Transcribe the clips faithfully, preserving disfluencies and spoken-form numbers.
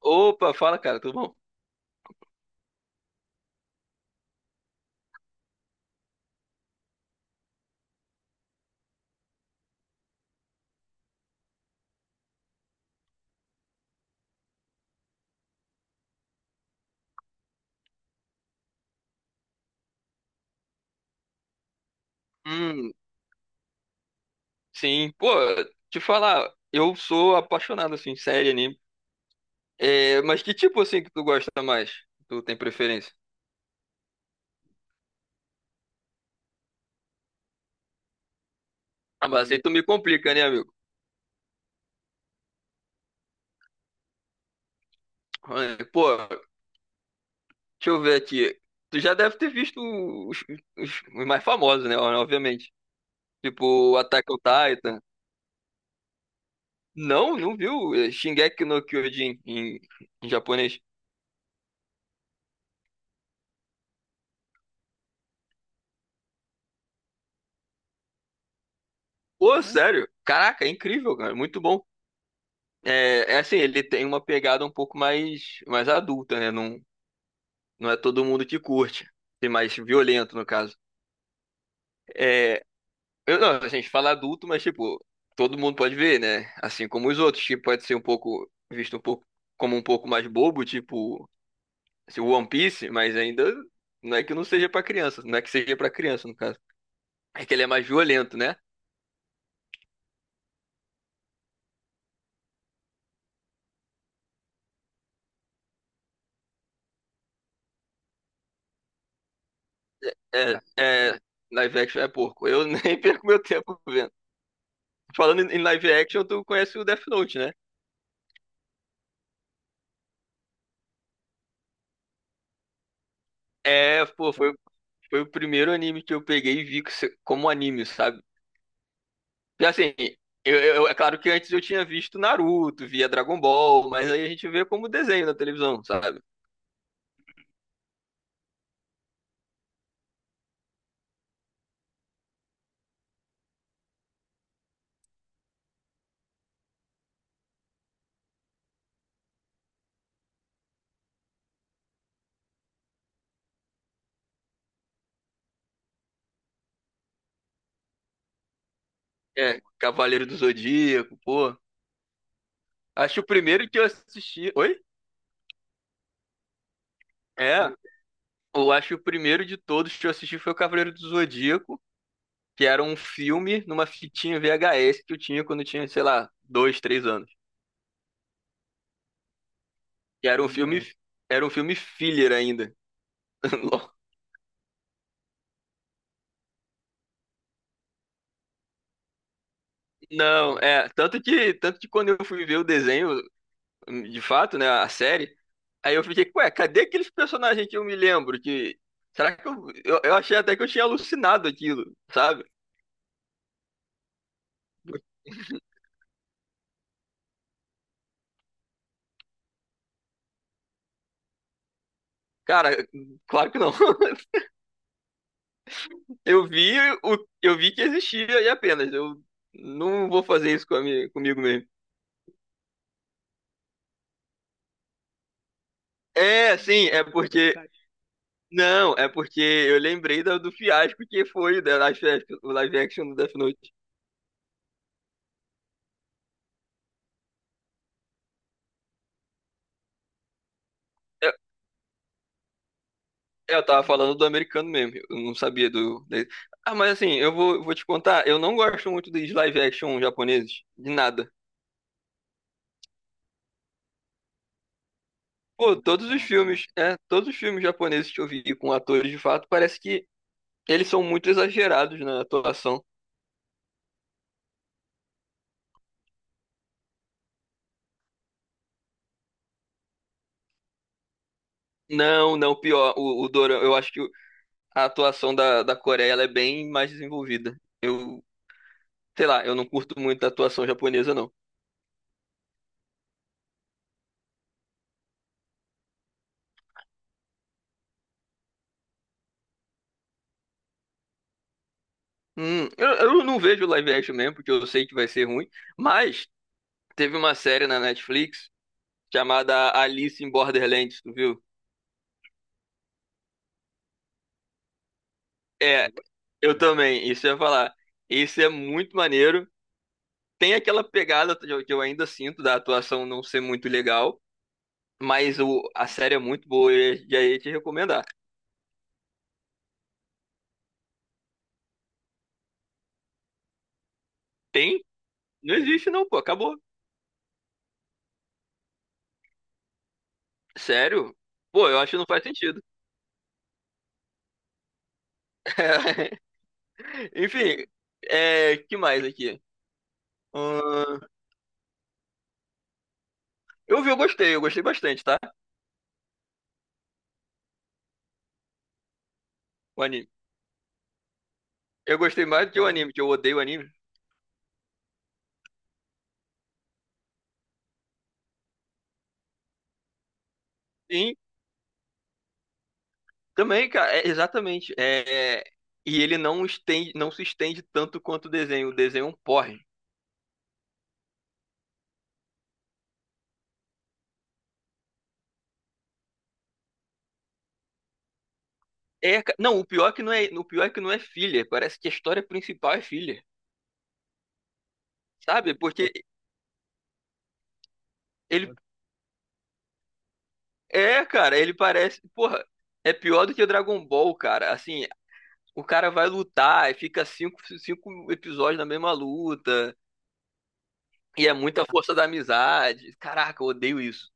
Opa, fala, cara, tudo bom? Hum, sim, pô, te falar, eu sou apaixonado, assim, série, anime. É, mas que tipo, assim, que tu gosta mais? Tu tem preferência? Ah, mas aí tu me complica, né, amigo? É, pô, deixa eu ver aqui. Tu já deve ter visto os, os- os mais famosos, né, obviamente. Tipo, Attack on Titan. Não, não viu? É, Shingeki no Kyojin em, em japonês. Pô, sério? Caraca, é incrível, cara, muito bom. É, é assim, ele tem uma pegada um pouco mais, mais adulta, né? Não, não é todo mundo que curte. Tem mais violento, no caso. É, eu, não, a gente fala adulto, mas, tipo, todo mundo pode ver, né? Assim como os outros, que pode ser um pouco, visto um pouco, como um pouco mais bobo, tipo, assim, One Piece, mas ainda não é que não seja pra criança, não é que seja pra criança, no caso. É que ele é mais violento, né? É, é, live action é porco. Eu nem perco meu tempo vendo. Falando em em live action, tu conhece o Death Note, né? É, pô, foi, foi o primeiro anime que eu peguei e vi que se- como anime, sabe? E assim, eu, eu- é claro que antes eu tinha visto Naruto, via Dragon Ball, mas aí a gente vê como desenho na televisão, sabe? É, Cavaleiro do Zodíaco, pô. Acho que o primeiro que eu assisti. Oi? É, eu acho que o primeiro de todos que eu assisti foi o Cavaleiro do Zodíaco, que era um filme numa fitinha V agá S que eu tinha quando eu tinha, sei lá, dois, três anos. Que era um filme, era um filme filler ainda. Não, é, tanto que, tanto que quando eu fui ver o desenho, de fato, né, a série, aí eu fiquei, ué, cadê aqueles personagens que eu me lembro? Que, será que eu, eu, eu achei até que eu tinha alucinado aquilo, sabe? Cara, claro que não. Eu vi o, eu vi que existia e apenas, eu não vou fazer isso com a minha- comigo mesmo. É, sim, é porque, não, é porque eu lembrei da- do fiasco que foi o da live action, o live action do Death Note. É, é, eu tava falando do americano mesmo, eu não sabia do. De- Ah, mas assim, eu vou, vou te contar, eu não gosto muito dos live action japoneses, de nada. Pô, todos os filmes, é, todos os filmes japoneses que eu vi com atores de fato, parece que eles são muito exagerados na atuação. Não, não, pior, o, o Dorama, eu acho que a atuação da, da Coreia, ela é bem mais desenvolvida. Eu, sei lá, eu não curto muito a atuação japonesa, não. Hum, eu, eu não vejo live action mesmo, porque eu sei que vai ser ruim, mas teve uma série na Netflix chamada Alice in Borderlands, tu viu? É, eu também, isso eu ia falar. Esse é muito maneiro. Tem aquela pegada que eu que eu ainda sinto da atuação não ser muito legal, mas o, a série é muito boa e e aí ia te recomendar. Tem? Não existe não, pô, acabou. Sério? Pô, eu acho que não faz sentido. Enfim, é, que mais aqui? Ahn, eu vi, eu gostei, eu gostei bastante, tá? O anime. Eu gostei mais do que o anime, que eu odeio o anime. Sim. Também, cara, é, exatamente. É, e ele não estende, não se estende tanto quanto o desenho. O desenho é um porre. É, ca- não, o pior é que não é, o pior é que não é filler. Parece que a história principal é filler, sabe? Porque ele é, cara, ele parece, porra, é pior do que o Dragon Ball, cara. Assim, o cara vai lutar e fica cinco, cinco episódios na mesma luta e é muita força da amizade. Caraca, eu odeio isso.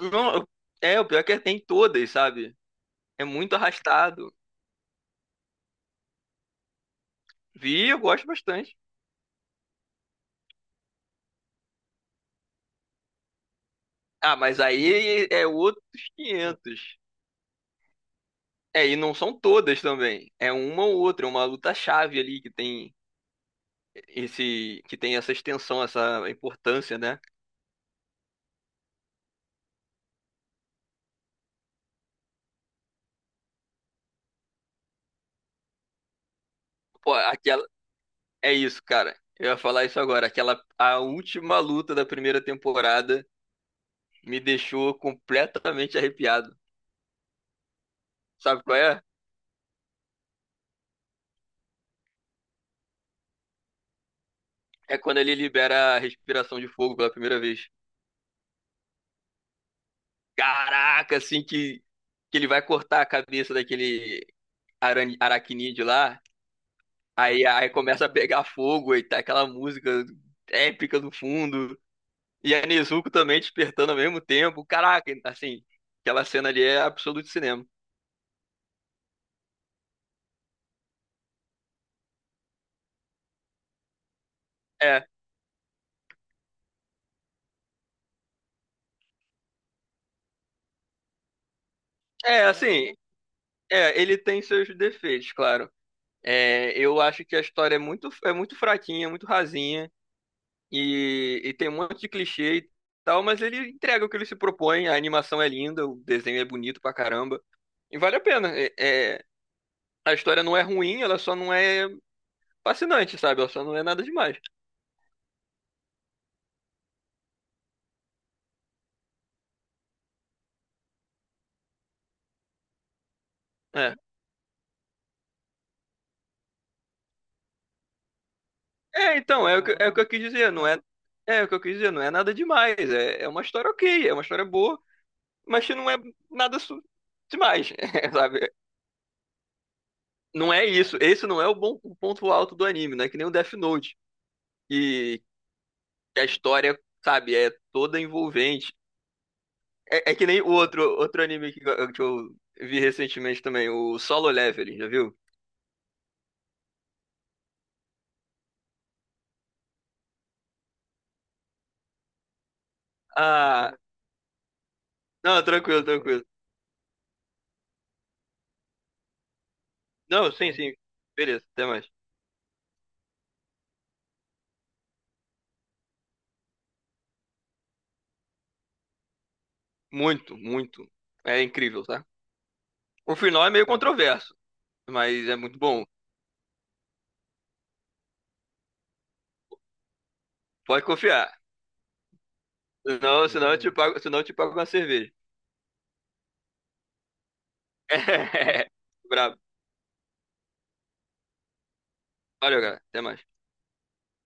Não, é, o pior é que tem todas, sabe? É muito arrastado. Vi, eu gosto bastante. Ah, mas aí é outros quinhentos. É, e não são todas também. É uma ou outra, é uma luta-chave ali que tem esse, que tem essa extensão, essa importância, né? Pô, aquela, é isso, cara. Eu ia falar isso agora. Aquela, a última luta da primeira temporada me deixou completamente arrepiado. Sabe qual é? É quando ele libera a respiração de fogo pela primeira vez. Caraca, assim que, que ele vai cortar a cabeça daquele aran- aracnídeo lá. Aí, aí começa a pegar fogo e tá aquela música épica do fundo. E a Nezuko também despertando ao mesmo tempo. Caraca, assim, aquela cena ali é absoluto cinema. É, é assim, é, ele tem seus defeitos, claro. É, eu acho que a história é muito, é muito fraquinha, muito rasinha e, e tem um monte de clichê e tal, mas ele entrega o que ele se propõe. A animação é linda, o desenho é bonito pra caramba. E vale a pena. É, é, a história não é ruim, ela só não é fascinante, sabe? Ela só não é nada demais. É, é então, é o que, é o que eu quis dizer, não é, é o que eu quis dizer, não é nada demais. É, é uma história ok, é uma história boa, mas que não é nada su- demais, sabe? Não é isso, esse não é o bom o ponto alto do anime, não é que nem o Death Note, e a história, sabe, é toda envolvente. É, é que nem o outro, outro anime que, eu- que eu vi recentemente também, o Solo Leveling, já viu? Ah, não, tranquilo, tranquilo. Não, sim, sim. Beleza, até mais. Muito, muito. É incrível, tá? O final é meio controverso, mas é muito bom. Pode confiar. Senão, senão eu te Hum. pago, senão eu te pago uma cerveja. É. Brabo. Valeu, galera. Até mais.